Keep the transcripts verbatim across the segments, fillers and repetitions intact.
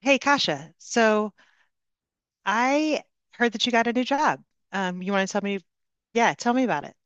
Hey, Kasha. So I heard that you got a new job. Um, you want to tell me? Yeah, tell me about it.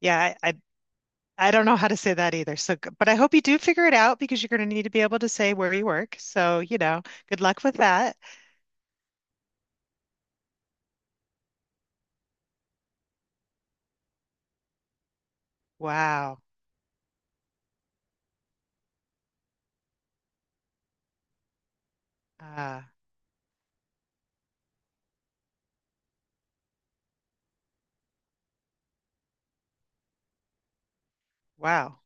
Yeah, I, I I don't know how to say that either. So, g- but I hope you do figure it out because you're going to need to be able to say where you work. So, you know, good luck with that. Wow. Uh, wow.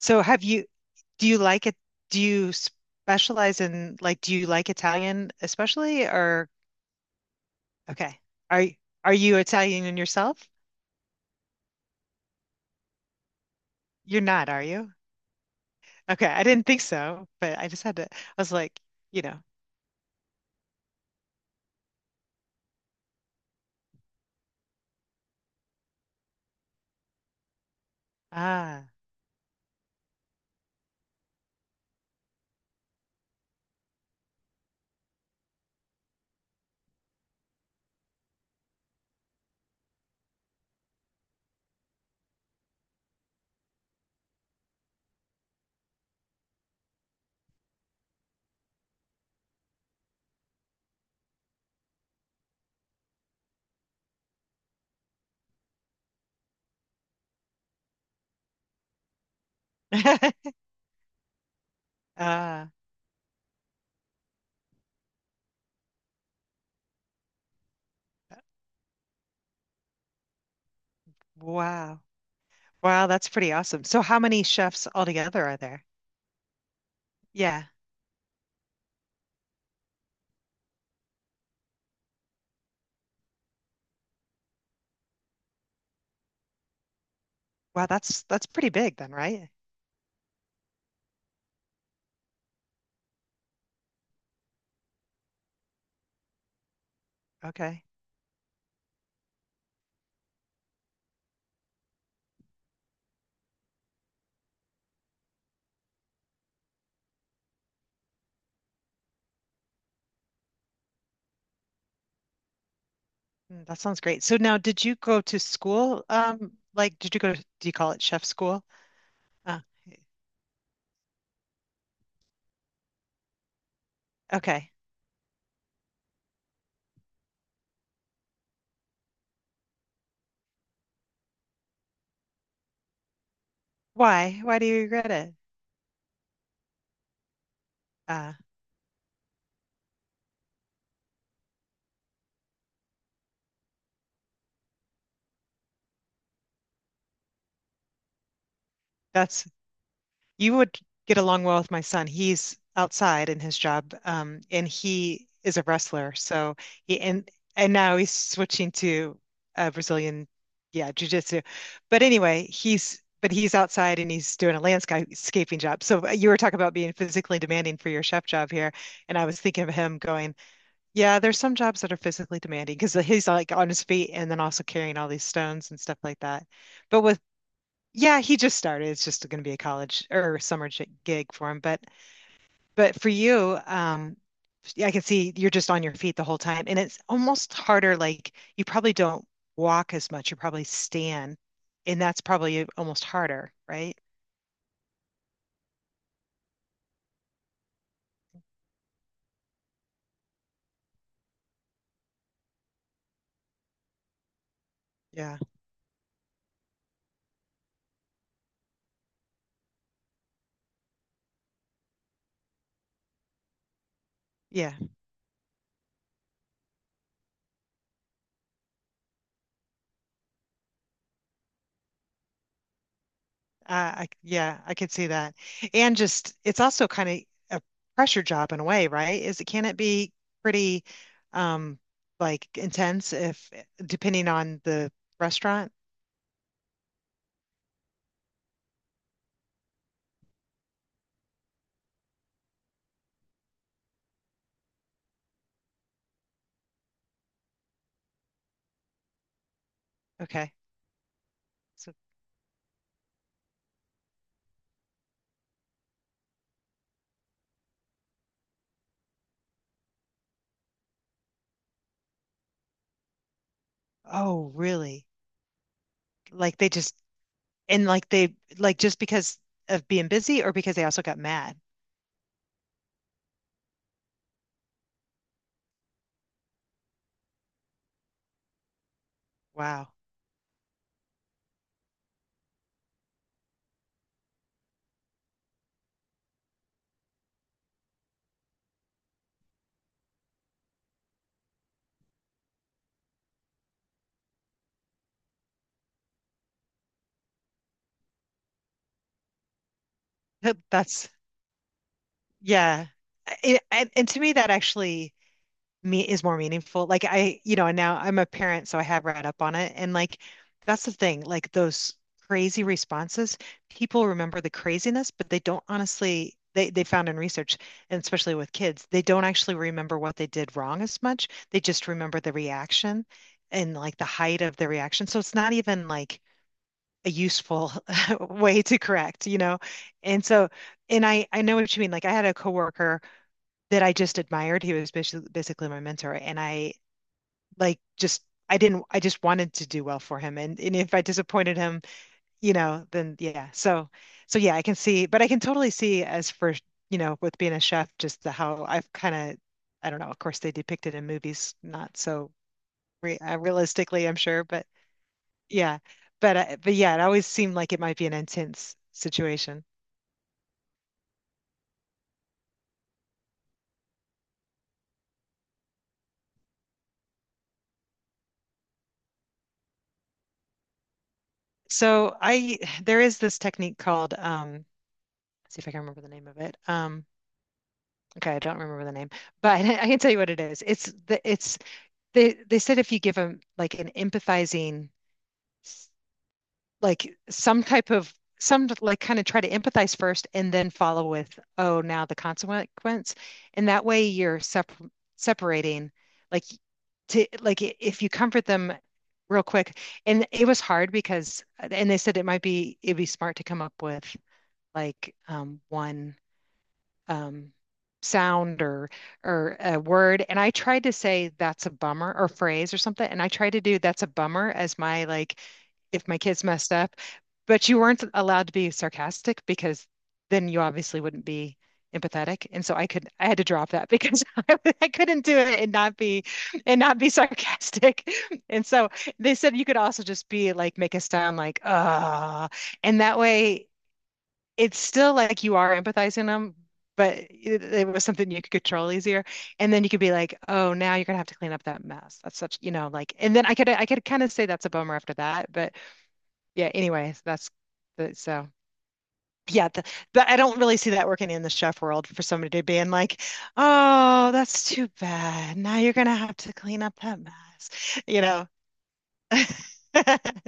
So, have you? Do you like it? Do you specialize in like? Do you like Italian especially? Or okay, are y- are you Italian in yourself? You're not, are you? Okay, I didn't think so, but I just had to. I was like, you know, ah, ah, wow, wow, that's pretty awesome. So, how many chefs altogether are there? Yeah, wow, that's that's pretty big then, right? Okay. Mm, that sounds great. So now, did you go to school? Um, like, did you go to, do you call it chef school? Uh, okay, why? Why do you regret it? Uh, that's you would get along well with my son. He's outside in his job, um, and he is a wrestler. So he and and now he's switching to uh, Brazilian, yeah, jiu-jitsu. But anyway, he's but he's outside and he's doing a landscaping job. So uh, you were talking about being physically demanding for your chef job here, and I was thinking of him going, yeah, there's some jobs that are physically demanding because he's like on his feet and then also carrying all these stones and stuff like that. But with yeah, he just started. It's just going to be a college or summer gi- gig for him. But but for you, um, yeah, I can see you're just on your feet the whole time, and it's almost harder. Like you probably don't walk as much. You probably stand, and that's probably almost harder, right? Yeah, yeah, uh, I yeah, I could see that. And just it's also kind of a pressure job in a way, right? Is it can it be pretty, um, like intense if depending on the restaurant? Okay. So oh, really? Like they just and like they like just because of being busy or because they also got mad. Wow. That's yeah. I- I- and to me that actually me is more meaningful. Like I, you know, and now I'm a parent, so I have read up on it. And like that's the thing, like those crazy responses, people remember the craziness, but they don't honestly they they found in research, and especially with kids, they don't actually remember what they did wrong as much. They just remember the reaction and like the height of the reaction. So it's not even like a useful way to correct, you know? And so, and I I know what you mean. Like I had a coworker that I just admired. He was basically basically my mentor, and I like just I didn't I just wanted to do well for him, and and if I disappointed him, you know, then yeah. So so yeah, I can see, but I can totally see as for you know with being a chef, just the how I've kind of I don't know. Of course, they depict it in movies, not so re uh, realistically, I'm sure, but yeah, but uh, but yeah, it always seemed like it might be an intense situation. So I there is this technique called um, let's see if I can remember the name of it. Um, Okay, I don't remember the name, but I can tell you what it is. It's the it's they they said if you give them like an empathizing s- like some type of some t- like kind of try to empathize first and then follow with oh now the consequence and that way you're sep separating like to like i- if you comfort them real quick and it was hard because and they said it might be it'd be smart to come up with like um one um, sound or or a word and I tried to say that's a bummer or phrase or something and I tried to do that's a bummer as my like if my kids messed up but you weren't allowed to be sarcastic because then you obviously wouldn't be empathetic and so I could I had to drop that because I, I couldn't do it and not be and not be sarcastic and so they said you could also just be like make a sound like ah and that way it's still like you are empathizing them, but it, it was something you could control easier. And then you could be like, oh, now you're gonna have to clean up that mess. That's such, you know, like, and then I could I could kind of say that's a bummer after that, but yeah. Anyways, that's the, so. Yeah, the, but I don't really see that working in the chef world for somebody to be in like, oh, that's too bad. Now you're gonna have to clean up that mess, you know,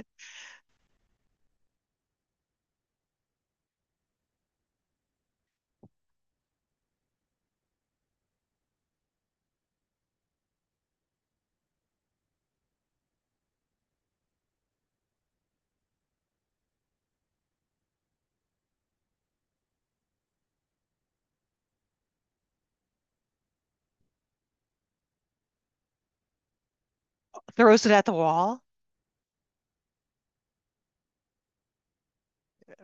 throws it at the wall.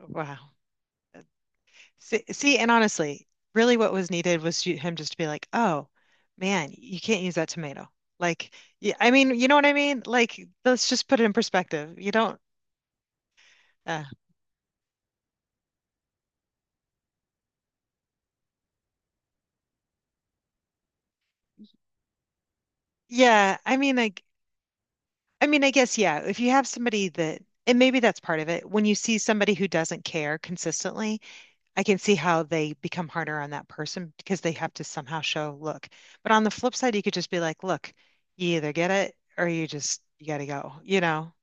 Wow. See, see, and honestly, really what was needed was you, him just to be like, oh, man, you can't use that tomato. Like, yeah, I mean, you know what I mean? Like, let's just put it in perspective. You don't, uh, yeah, I mean, like, I mean, I guess, yeah, if you have somebody that, and maybe that's part of it, when you see somebody who doesn't care consistently, I can see how they become harder on that person because they have to somehow show, look. But on the flip side, you could just be like, look, you either get it or you just, you gotta go, you know?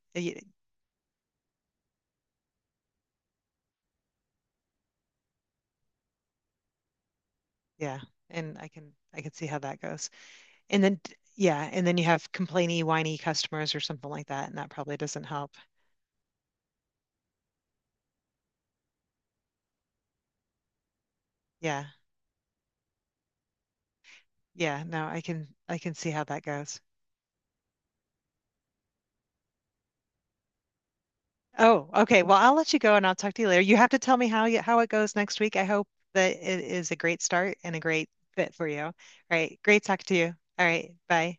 Yeah, and I can I can see how that goes. And then d- yeah, and then you have complainy, whiny customers or something like that, and that probably doesn't help. Yeah. Yeah, no, I can I can see how that goes. Oh, okay. Well, I'll let you go and I'll talk to you later. You have to tell me how you, how it goes next week. I hope that it is a great start and a great fit for you. All right. Great talk to you. All right. Bye.